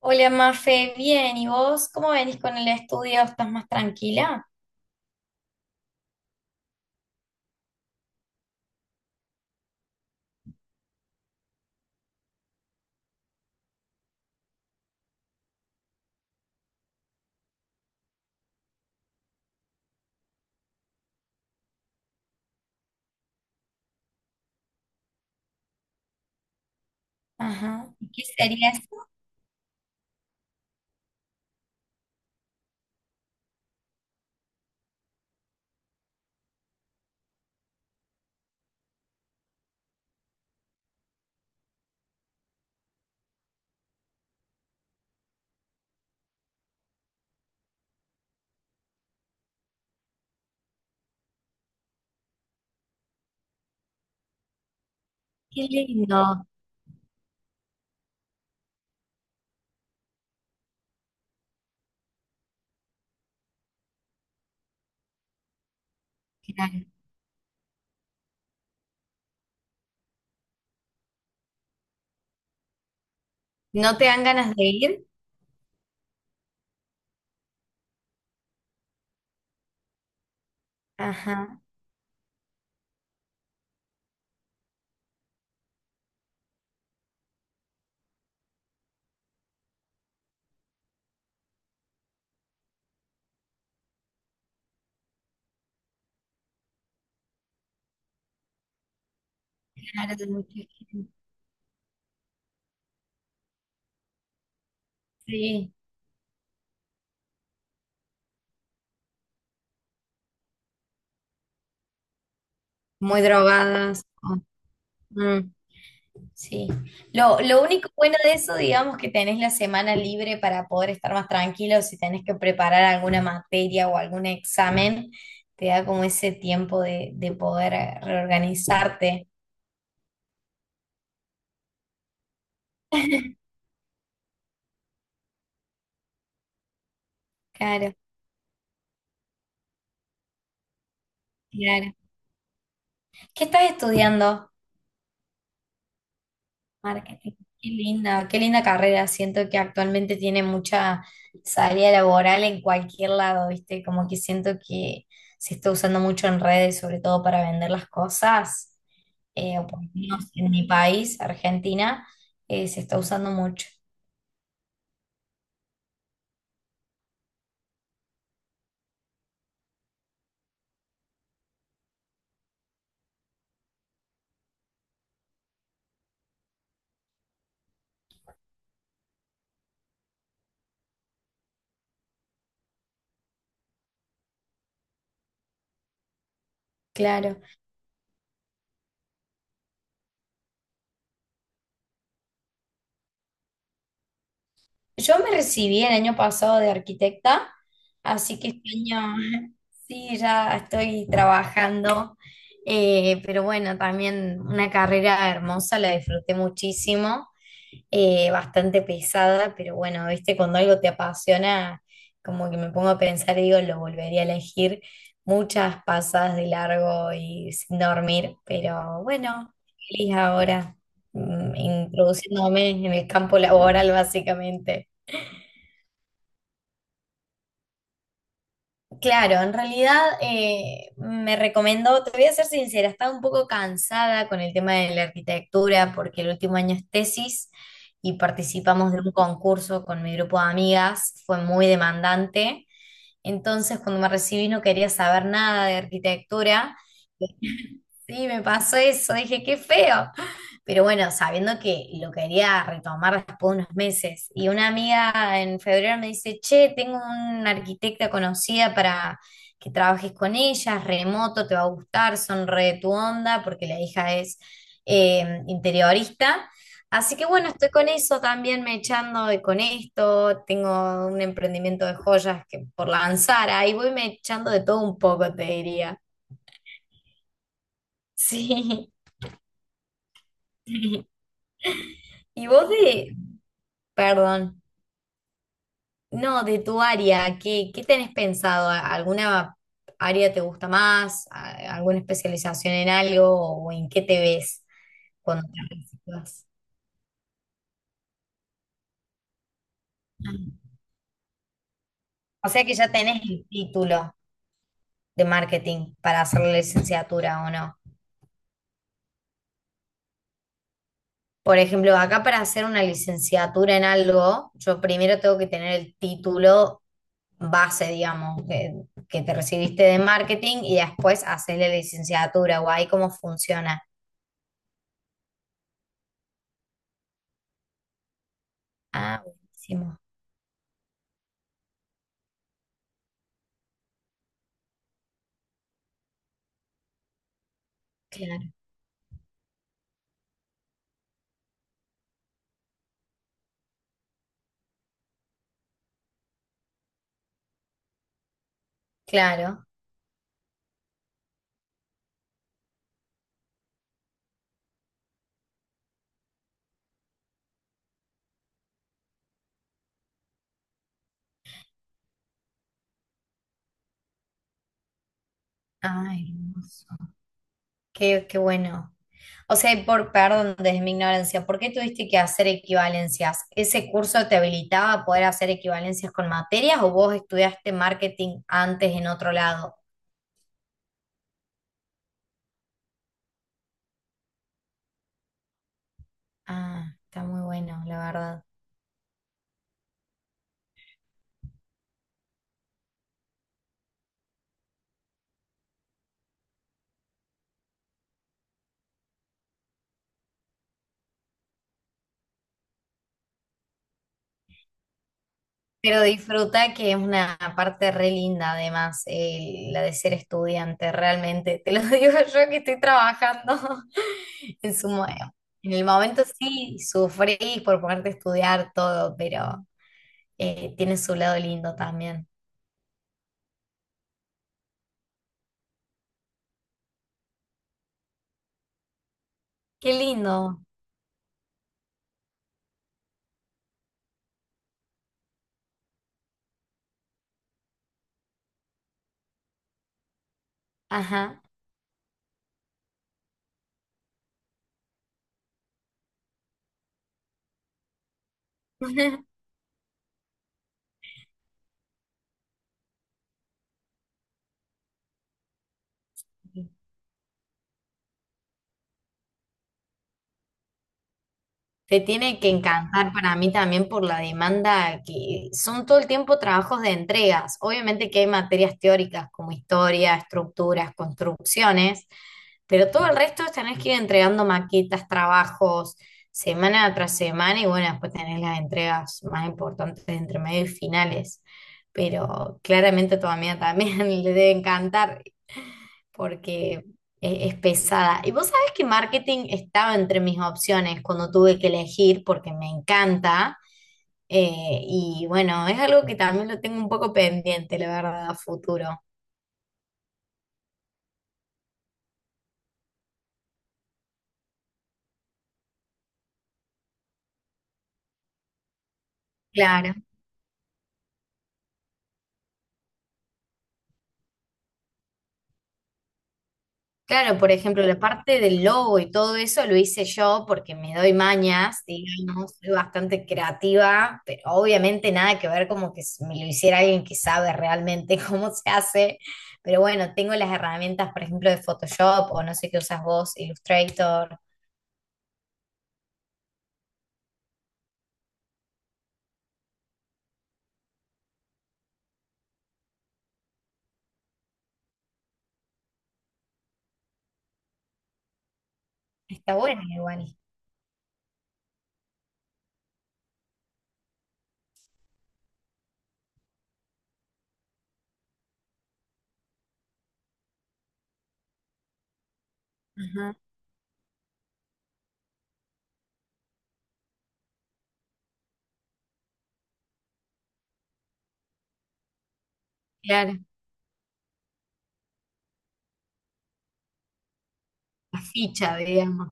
Hola, Mafe, bien, ¿y vos cómo venís con el estudio? ¿Estás más tranquila? Ajá. ¿Qué sería eso? Qué lindo, claro. ¿No te dan ganas de ir? Ajá. Claro, de mucha gente. Sí, muy drogadas. O- mm, sí. Lo único bueno de eso, digamos, que tenés la semana libre para poder estar más tranquilo si tenés que preparar alguna materia o algún examen, te da como ese tiempo de poder reorganizarte. Claro, claro. ¿Qué estás estudiando? Marketing. Qué linda carrera. Siento que actualmente tiene mucha salida laboral en cualquier lado, ¿viste? Como que siento que se está usando mucho en redes, sobre todo para vender las cosas. O por lo menos en mi país, Argentina, se está usando mucho. Claro. Yo me recibí el año pasado de arquitecta, así que este año sí, ya estoy trabajando, pero bueno, también una carrera hermosa, la disfruté muchísimo, bastante pesada, pero bueno, viste, cuando algo te apasiona, como que me pongo a pensar y digo, lo volvería a elegir muchas pasadas de largo y sin dormir, pero bueno, feliz ahora, introduciéndome en el campo laboral básicamente. Claro, en realidad me recomendó, te voy a ser sincera, estaba un poco cansada con el tema de la arquitectura porque el último año es tesis y participamos de un concurso con mi grupo de amigas, fue muy demandante, entonces cuando me recibí no quería saber nada de arquitectura. Sí, me pasó eso, dije, qué feo. Pero bueno, sabiendo que lo quería retomar después de unos meses. Y una amiga en febrero me dice, che, tengo una arquitecta conocida para que trabajes con ella, es remoto, te va a gustar, son re de tu onda, porque la hija es interiorista. Así que bueno, estoy con eso también, me echando de con esto, tengo un emprendimiento de joyas que por lanzar, ahí voy me echando de todo un poco, te diría. Sí. Y vos de, perdón, no, de tu área, ¿qué tenés pensado? ¿A- ¿Alguna área te gusta más? ¿A- ¿Alguna especialización en algo? ¿O en qué te ves cuando te recibas? Ah. O sea que ya tenés el título de marketing para hacer la licenciatura, ¿o no? Por ejemplo, acá para hacer una licenciatura en algo, yo primero tengo que tener el título base, digamos, que te recibiste de marketing y después hacer la licenciatura, o ahí cómo funciona. Ah, buenísimo, claro, claro. Ah, hermoso. Qué, qué bueno. O sea, y por, perdón, desde mi ignorancia, ¿por qué tuviste que hacer equivalencias? ¿Ese curso te habilitaba a poder hacer equivalencias con materias o vos estudiaste marketing antes en otro lado? Ah, está muy bueno, la verdad. Pero disfruta que es una parte re linda, además, el- la de ser estudiante, realmente. Te lo digo yo que estoy trabajando en su mo- En el momento sí, sufrís por ponerte a estudiar todo, pero tiene su lado lindo también. Qué lindo. Ajá. Te tiene que encantar para mí también por la demanda que son todo el tiempo trabajos de entregas. Obviamente que hay materias teóricas como historia, estructuras, construcciones, pero todo el resto es tenés que ir entregando maquetas, trabajos, semana tras semana y bueno, después tenés las entregas más importantes de entre medio y finales. Pero claramente a tu amiga también le debe encantar porque es pesada. Y vos sabés que marketing estaba entre mis opciones cuando tuve que elegir porque me encanta. Y bueno, es algo que también lo tengo un poco pendiente, la verdad, a futuro. Claro. Claro, por ejemplo, la parte del logo y todo eso lo hice yo porque me doy mañas, digamos, soy bastante creativa, pero obviamente nada que ver como que s- me lo hiciera alguien que sabe realmente cómo se hace. Pero bueno, tengo las herramientas, por ejemplo, de Photoshop o no sé qué usas vos, Illustrator. Está bueno, igual. Ajá. Claro, la ficha, digamos.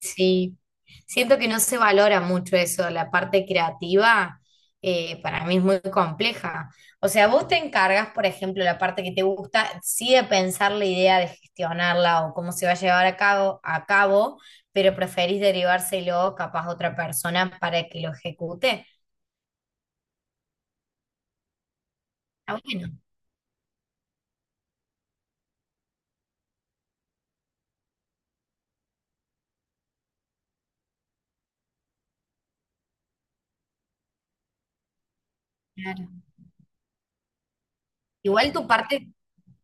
Sí, siento que no se valora mucho eso, la parte creativa para mí es muy compleja. O sea, vos te encargas, por ejemplo, la parte que te gusta, sí de pensar la idea, de gestionarla o cómo se va a llevar a cabo, pero preferís derivárselo capaz a otra persona para que lo ejecute. Ah, bueno, claro. Igual tu parte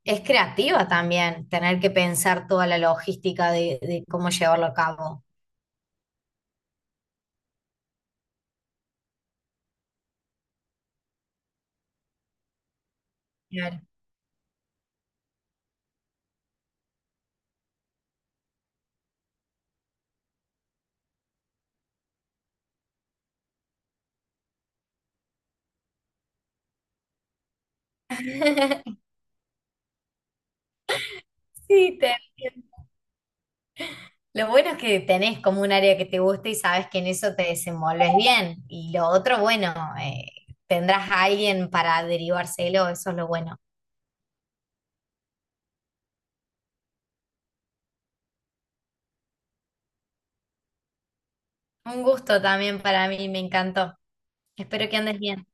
es creativa también, tener que pensar toda la logística de cómo llevarlo a cabo. Claro. Sí, te entiendo. Lo bueno es que tenés como un área que te gusta y sabes que en eso te desenvolves bien. Y lo otro, bueno, tendrás a alguien para derivárselo, eso es lo bueno. Un gusto también para mí, me encantó. Espero que andes bien.